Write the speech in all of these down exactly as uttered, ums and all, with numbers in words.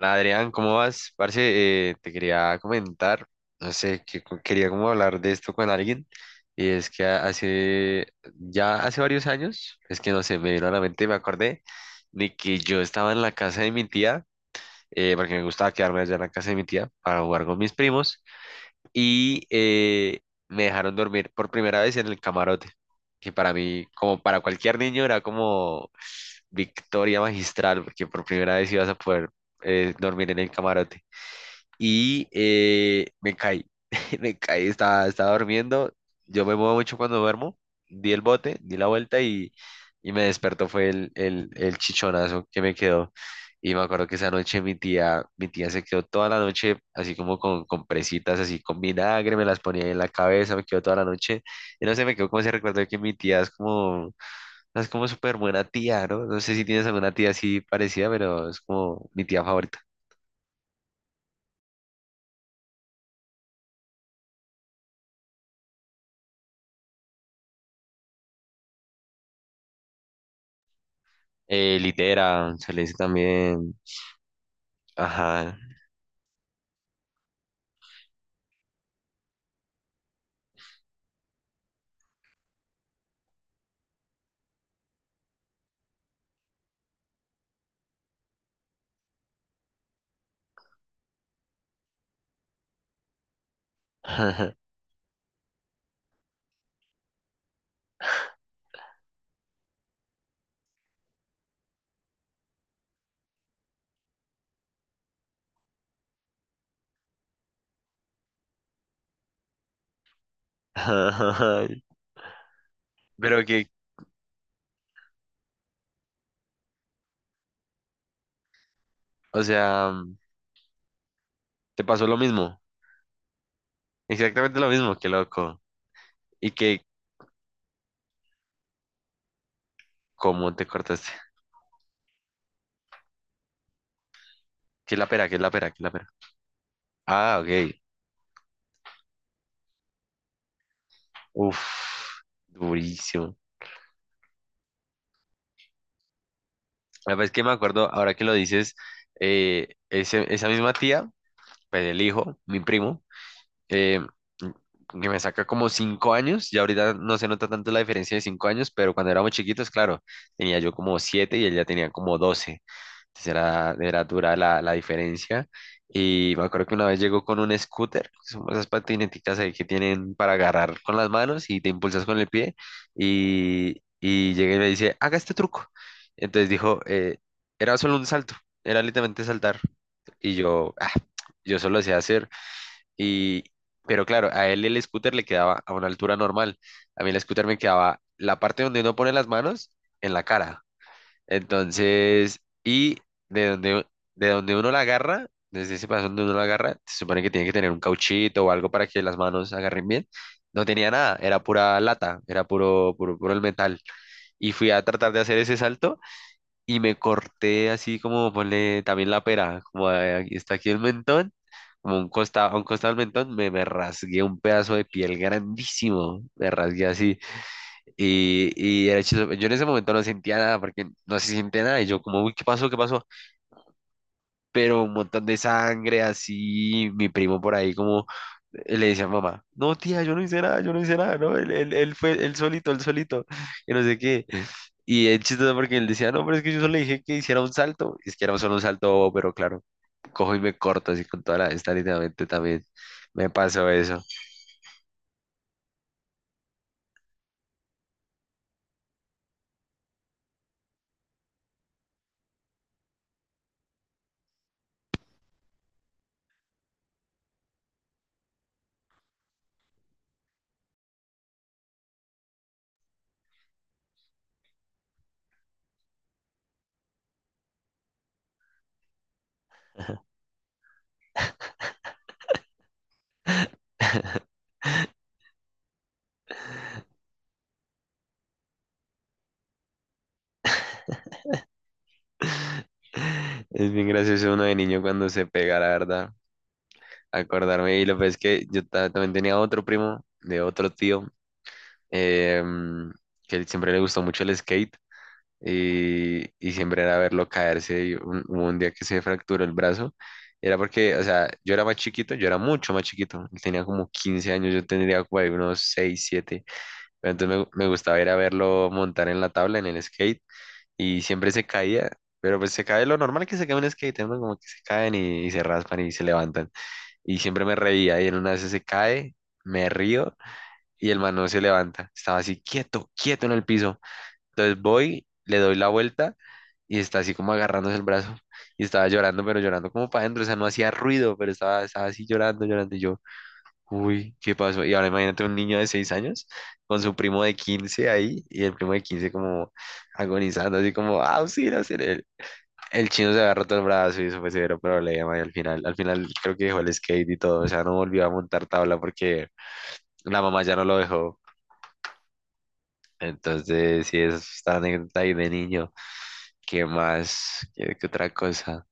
Hola Adrián, ¿cómo vas? Parce, eh, te quería comentar, no sé, que co- quería como hablar de esto con alguien, y es que ha- hace, ya hace varios años, es que no sé, me vino a la mente, me acordé de que yo estaba en la casa de mi tía, eh, porque me gustaba quedarme allá en la casa de mi tía para jugar con mis primos, y eh, me dejaron dormir por primera vez en el camarote, que para mí, como para cualquier niño, era como victoria magistral, porque por primera vez ibas a poder eh, dormir en el camarote y eh, me caí, me caí, estaba, estaba durmiendo, yo me muevo mucho cuando duermo, di el bote, di la vuelta y, y me despertó, fue el, el, el chichonazo que me quedó. Y me acuerdo que esa noche mi tía, mi tía se quedó toda la noche así como con, con presitas, así con vinagre, me las ponía en la cabeza, me quedó toda la noche. Y no sé, me quedó como ese recuerdo de que mi tía es como, es como súper buena tía, ¿no? No sé si tienes alguna tía así parecida, pero es como mi tía favorita. Eh, litera, se le dice también. Ajá. Pero que, o sea, te pasó lo mismo. Exactamente lo mismo, qué loco. Y que, ¿cómo te cortaste? ¿Qué es la pera? ¿Qué es la pera? ¿Qué es la pera? Ah, ok. Uf, durísimo. La vez que me acuerdo, ahora que lo dices, eh, ese- esa misma tía, pues el hijo, mi primo. eh, que me saca como cinco años, y ahorita no se nota tanto la diferencia de cinco años, pero cuando éramos chiquitos, claro, tenía yo como siete y él ya tenía como doce, entonces era, era dura la, la diferencia. Y me acuerdo que una vez llegó con un scooter, que son esas patineticas ahí que tienen para agarrar con las manos y te impulsas con el pie, y, y llegué y me dice, haga este truco. Entonces dijo, eh, era solo un salto, era literalmente saltar. Y yo, ah, yo solo sé hacer y, pero claro, a él el scooter le quedaba a una altura normal. A mí el scooter me quedaba la parte donde uno pone las manos en la cara. Entonces, y de donde, de donde uno la agarra, desde ese paso donde uno la agarra, se supone que tiene que tener un cauchito o algo para que las manos agarren bien. No tenía nada, era pura lata, era puro, puro, puro el metal. Y fui a tratar de hacer ese salto y me corté así como ponle también la pera, como a- aquí está aquí el mentón, como un costado, a un costado del mentón, me, me rasgué un pedazo de piel grandísimo, me rasgué así. Y, y era chistoso, yo en ese momento no sentía nada porque no se siente nada y yo como, uy, ¿qué pasó? ¿Qué pasó? Pero un montón de sangre así, mi primo por ahí como eh, le decía a mamá, no tía, yo no hice nada, yo no hice nada, no, él, él, él fue él solito, él solito, que no sé qué. Y es chistoso porque él decía, no, pero es que yo solo le dije que hiciera un salto, es que era solo un salto bobo, pero claro, cojo y me corto así con toda la esta literalmente también. Me pasó eso. Es bien gracioso uno de niño cuando se pega, la verdad. Acordarme, y lo que es que yo ta- también tenía otro primo de otro tío em, que él siempre le gustó mucho el skate y, y siempre era verlo caerse. Y un, hubo un día que se fracturó el brazo, era porque, o sea, yo era más chiquito, yo era mucho más chiquito, él tenía como quince años, yo tendría por ahí unos seis siete, pero entonces me, me gustaba ir a verlo montar en la tabla, en el skate, y siempre se caía. Pero pues se cae lo normal que se cae un skate, ¿no? Como que se caen y, y se raspan y se levantan. Y siempre me reía y en una vez se cae, me río y el man no se levanta. Estaba así quieto, quieto en el piso. Entonces voy, le doy la vuelta y está así como agarrándose el brazo y estaba llorando, pero llorando como para adentro. O sea, no hacía ruido, pero estaba, estaba así llorando, llorando. Y yo, uy, ¿qué pasó? Y ahora imagínate un niño de seis años con su primo de quince ahí y el primo de quince como agonizando, así como, ah sí auxilio, auxilio. El, el chino se había roto el brazo y eso fue severo problema. Y al final, al final creo que dejó el skate y todo. O sea, no volvió a montar tabla porque la mamá ya no lo dejó. Entonces, sí, es esta anécdota ahí de niño. ¿Qué más? ¿Qué, qué otra cosa?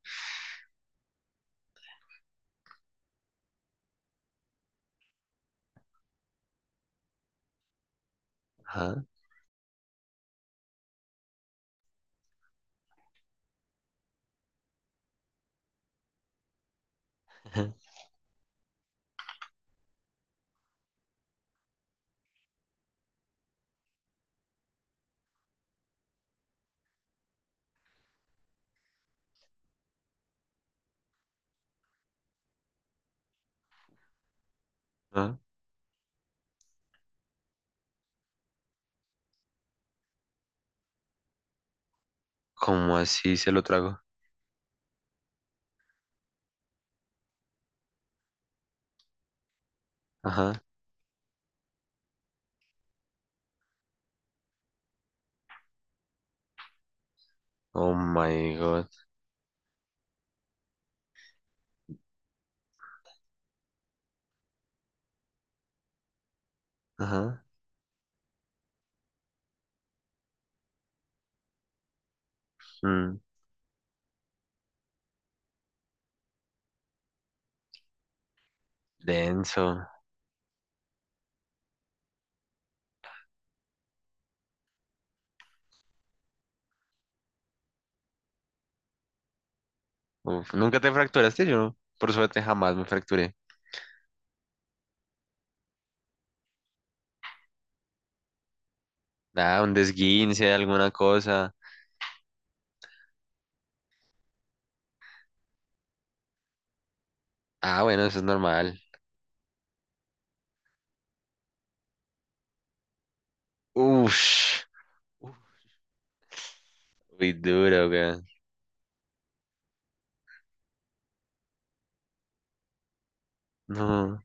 Ajá, ajá, ajá. ¿Cómo así se lo trago? Ajá. Oh my God. Ajá. Mm, denso. Uf, ¿nunca te fracturaste? Yo, por suerte, jamás me fracturé. Ah, un desguince, alguna cosa. Ah, bueno, eso es normal. Ush. Uf, muy duro, weón. No.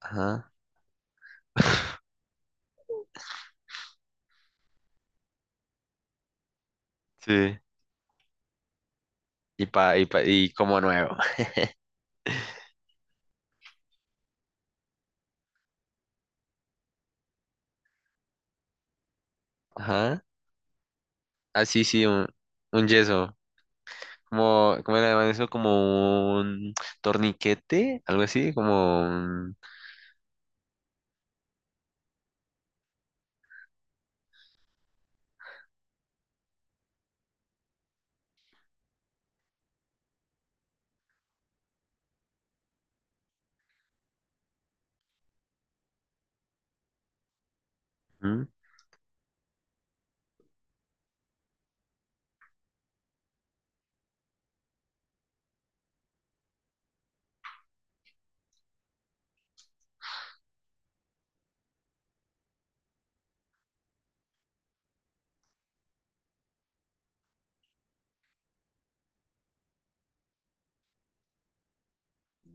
Ajá. Sí. Y pa, y pa, y como nuevo. Ajá. Así sí, sí, un, un yeso. Como, como era eso? Como un torniquete, algo así, como un... ¿Mm?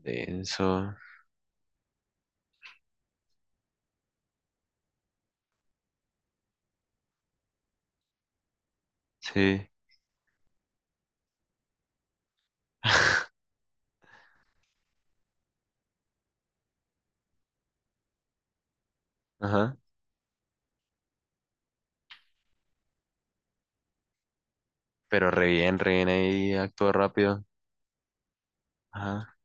Denso, sí. Ajá. Pero re bien, re bien ahí, actúa rápido. Ajá.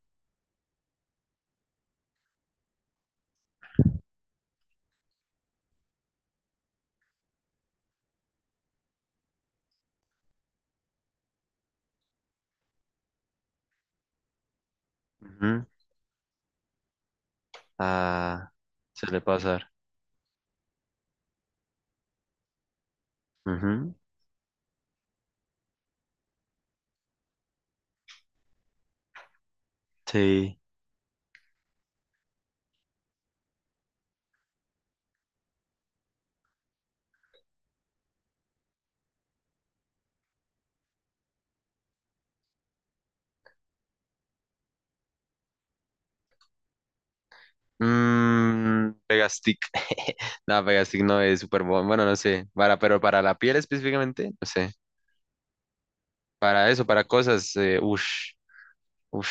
Ujú, ah, suele pasar. Ujú, sí. Mm, Pegastick. No, Pegastick no es súper bueno. Bueno, no sé. Para, pero para la piel específicamente, no sé. Para eso, para cosas, eh, ush. Uf,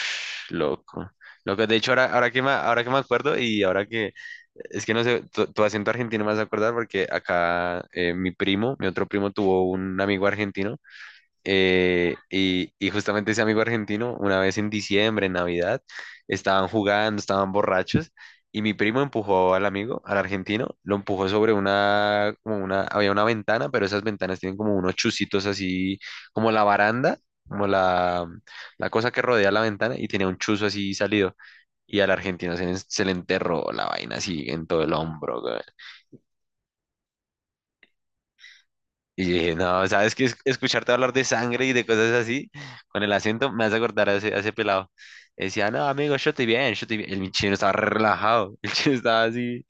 loco. Loco, de hecho, ahora, ahora que me, ahora que me acuerdo y ahora que, es que no sé, tu, tu acento argentino me vas a acordar porque acá eh, mi primo, mi otro primo tuvo un amigo argentino, eh, y, y justamente ese amigo argentino, una vez en diciembre, en Navidad, estaban jugando, estaban borrachos, y mi primo empujó al amigo, al argentino, lo empujó sobre una, como una, había una ventana, pero esas ventanas tienen como unos chusitos así, como la baranda, como la, la cosa que rodea la ventana, y tenía un chuzo así salido, y al argentino se, le- se le enterró la vaina así en todo el hombro, güey. Y dije, no, ¿sabes qué? Es- Escucharte hablar de sangre y de cosas así, con el acento, me hace acordar a ese, a ese pelado. Decía, no, amigo, yo estoy bien, yo estoy bien. El chino estaba re relajado, el chino estaba así,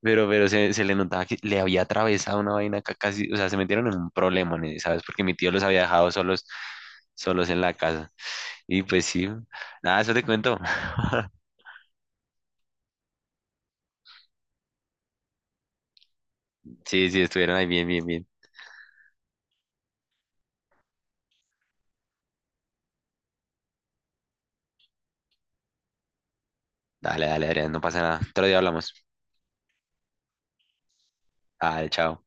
pero, pero se, se le notaba que le había atravesado una vaina acá casi, o sea, se metieron en un problema, ¿no? ¿Sabes? Porque mi tío los había dejado solos, solos en la casa. Y pues sí, nada, eso te cuento. Sí, sí, estuvieron ahí bien, bien, bien. Dale, dale, Adrián, no pasa nada. Otro día hablamos. Dale, chao.